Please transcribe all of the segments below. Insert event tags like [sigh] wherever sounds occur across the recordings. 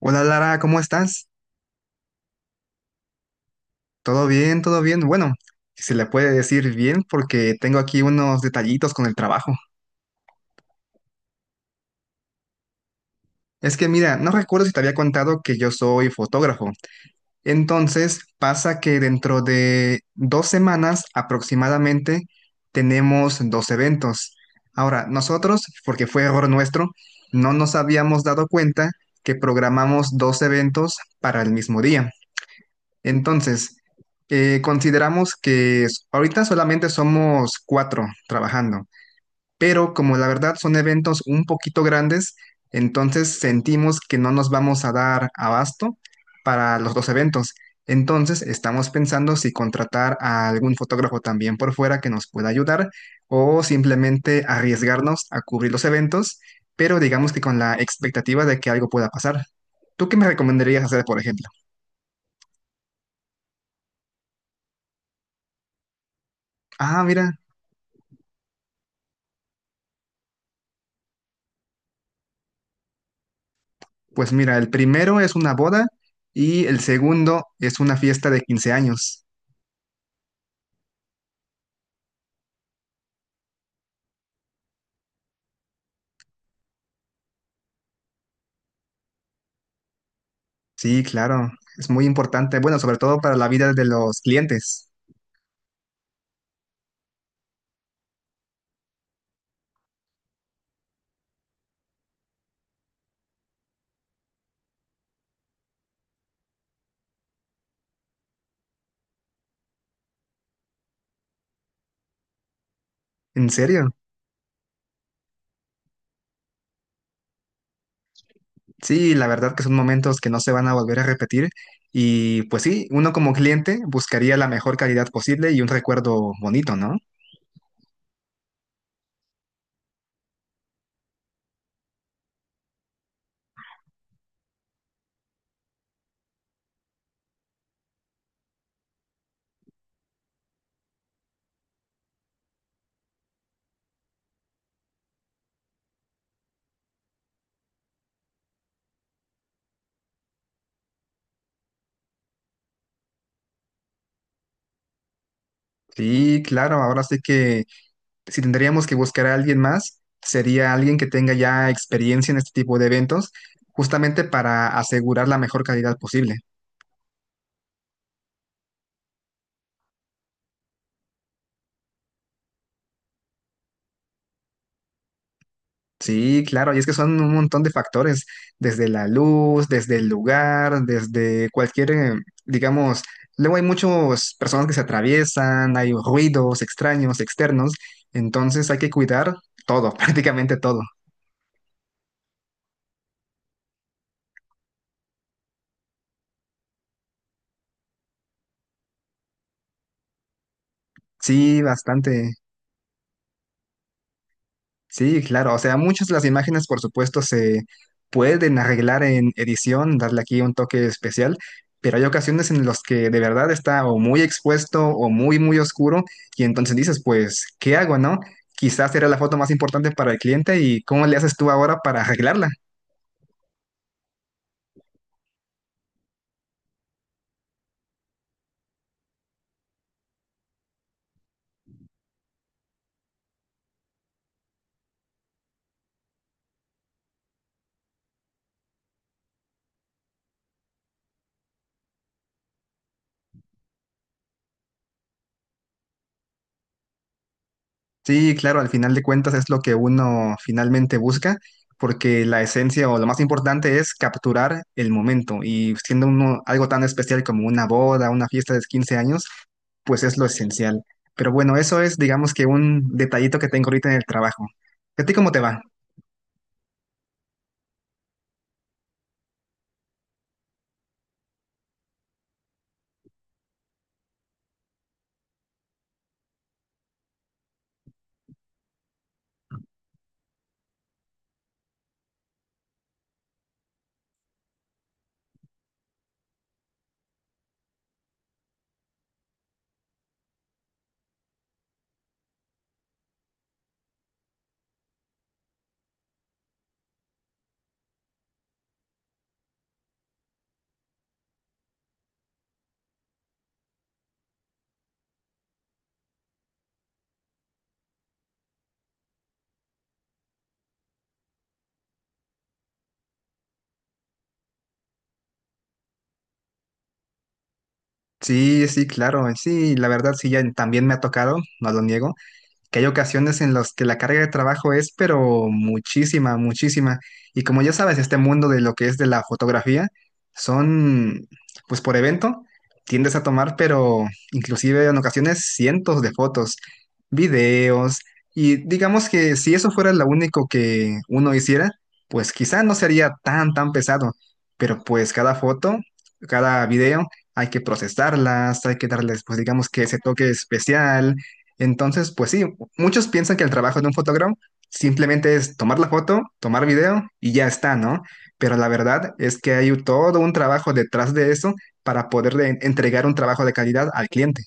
Hola Lara, ¿cómo estás? ¿Todo bien? ¿Todo bien? Bueno, si se le puede decir bien porque tengo aquí unos detallitos con el trabajo. Es que mira, no recuerdo si te había contado que yo soy fotógrafo. Entonces, pasa que dentro de 2 semanas aproximadamente tenemos dos eventos. Ahora, nosotros, porque fue error nuestro, no nos habíamos dado cuenta que programamos dos eventos para el mismo día. Entonces, consideramos que ahorita solamente somos cuatro trabajando, pero como la verdad son eventos un poquito grandes, entonces sentimos que no nos vamos a dar abasto para los dos eventos. Entonces estamos pensando si contratar a algún fotógrafo también por fuera que nos pueda ayudar o simplemente arriesgarnos a cubrir los eventos, pero digamos que con la expectativa de que algo pueda pasar. ¿Tú qué me recomendarías hacer, por ejemplo? Ah, mira. Pues mira, el primero es una boda y el segundo es una fiesta de 15 años. Sí, claro, es muy importante, bueno, sobre todo para la vida de los clientes. En serio, sí, la verdad que son momentos que no se van a volver a repetir y pues sí, uno como cliente buscaría la mejor calidad posible y un recuerdo bonito, ¿no? Sí, claro, ahora sí que si tendríamos que buscar a alguien más, sería alguien que tenga ya experiencia en este tipo de eventos, justamente para asegurar la mejor calidad posible. Sí, claro, y es que son un montón de factores, desde la luz, desde el lugar, desde cualquier, digamos, luego hay muchas personas que se atraviesan, hay ruidos extraños, externos, entonces hay que cuidar todo, [laughs] prácticamente todo. Sí, bastante. Sí, claro, o sea, muchas de las imágenes, por supuesto, se pueden arreglar en edición, darle aquí un toque especial, pero hay ocasiones en las que de verdad está o muy expuesto o muy, muy oscuro, y entonces dices, pues, ¿qué hago, no? Quizás era la foto más importante para el cliente y ¿cómo le haces tú ahora para arreglarla? Sí, claro, al final de cuentas es lo que uno finalmente busca, porque la esencia o lo más importante es capturar el momento y siendo uno algo tan especial como una boda, una fiesta de 15 años, pues es lo esencial. Pero bueno, eso es, digamos que un detallito que tengo ahorita en el trabajo. ¿A ti cómo te va? Sí, sí, claro, sí, la verdad sí, ya también me ha tocado, no lo niego, que hay ocasiones en las que la carga de trabajo es, pero muchísima, muchísima. Y como ya sabes, este mundo de lo que es de la fotografía, son, pues por evento, tiendes a tomar, pero inclusive en ocasiones cientos de fotos, videos, y digamos que si eso fuera lo único que uno hiciera, pues quizá no sería tan, tan pesado, pero pues cada foto, cada video, hay que procesarlas, hay que darles, pues digamos que ese toque especial. Entonces, pues sí, muchos piensan que el trabajo de un fotógrafo simplemente es tomar la foto, tomar video y ya está, ¿no? Pero la verdad es que hay todo un trabajo detrás de eso para poderle entregar un trabajo de calidad al cliente.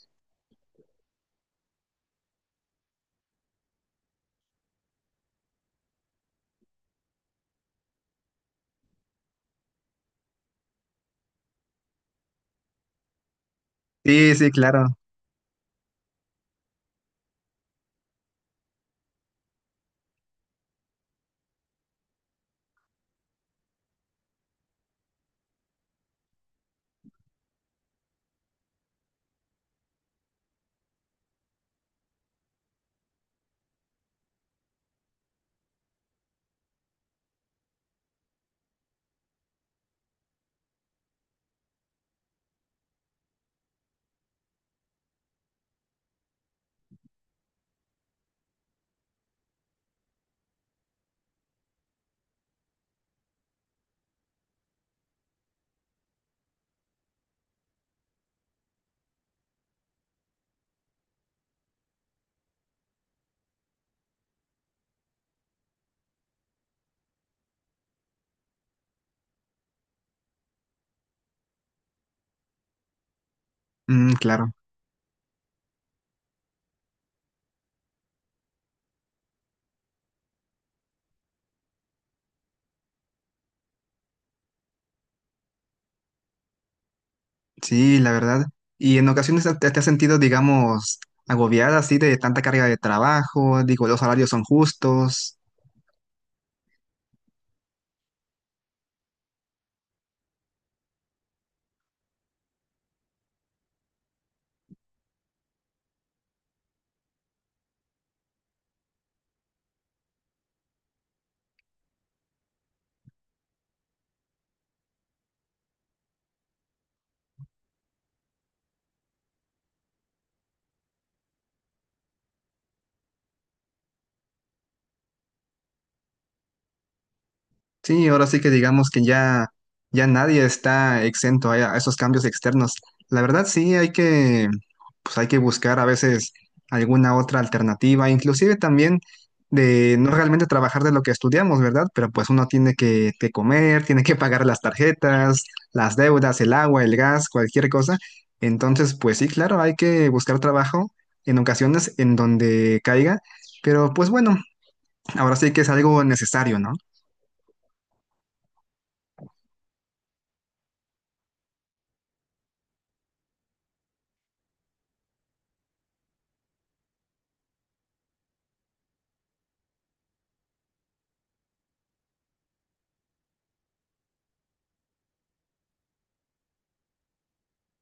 Sí, sí, claro. Mm, claro. Sí, la verdad. Y en ocasiones te, te has sentido, digamos, agobiada así de tanta carga de trabajo, digo, los salarios son justos. Sí, ahora sí que digamos que ya, ya nadie está exento a esos cambios externos. La verdad sí hay que, pues hay que buscar a veces alguna otra alternativa, inclusive también de no realmente trabajar de lo que estudiamos, ¿verdad? Pero pues uno tiene que comer, tiene que pagar las tarjetas, las deudas, el agua, el gas, cualquier cosa. Entonces, pues sí, claro, hay que buscar trabajo en ocasiones en donde caiga, pero pues bueno, ahora sí que es algo necesario, ¿no?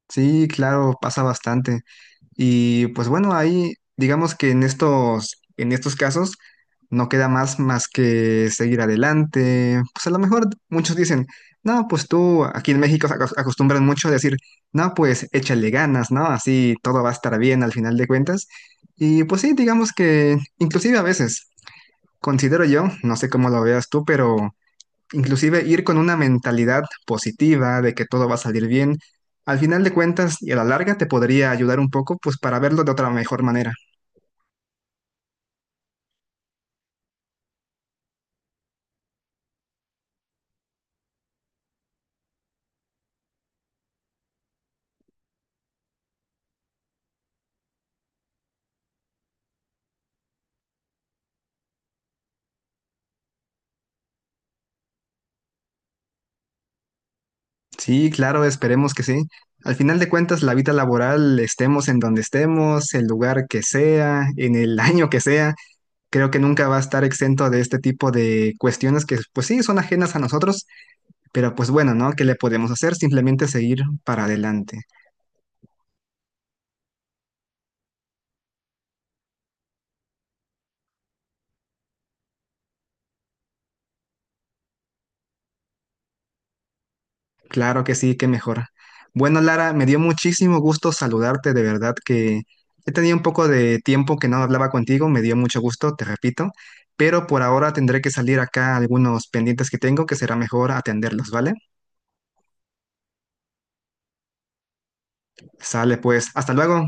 Sí, claro, pasa bastante. Y pues bueno, ahí digamos que en estos casos no queda más que seguir adelante. Pues a lo mejor muchos dicen, no, pues tú aquí en México se acostumbran mucho a decir, no, pues échale ganas, ¿no? Así todo va a estar bien al final de cuentas. Y pues sí, digamos que inclusive a veces considero yo, no sé cómo lo veas tú, pero inclusive ir con una mentalidad positiva de que todo va a salir bien, al final de cuentas y a la larga te podría ayudar un poco, pues para verlo de otra mejor manera. Sí, claro, esperemos que sí. Al final de cuentas, la vida laboral, estemos en donde estemos, el lugar que sea, en el [laughs] año que sea, creo que nunca va a estar exento de este tipo de cuestiones que, pues sí, son ajenas a nosotros, pero pues bueno, ¿no? ¿Qué le podemos hacer? Simplemente seguir para adelante. Claro que sí, qué mejor. Bueno, Lara, me dio muchísimo gusto saludarte, de verdad que he tenido un poco de tiempo que no hablaba contigo, me dio mucho gusto, te repito, pero por ahora tendré que salir acá algunos pendientes que tengo, que será mejor atenderlos, ¿vale? Sale pues, hasta luego.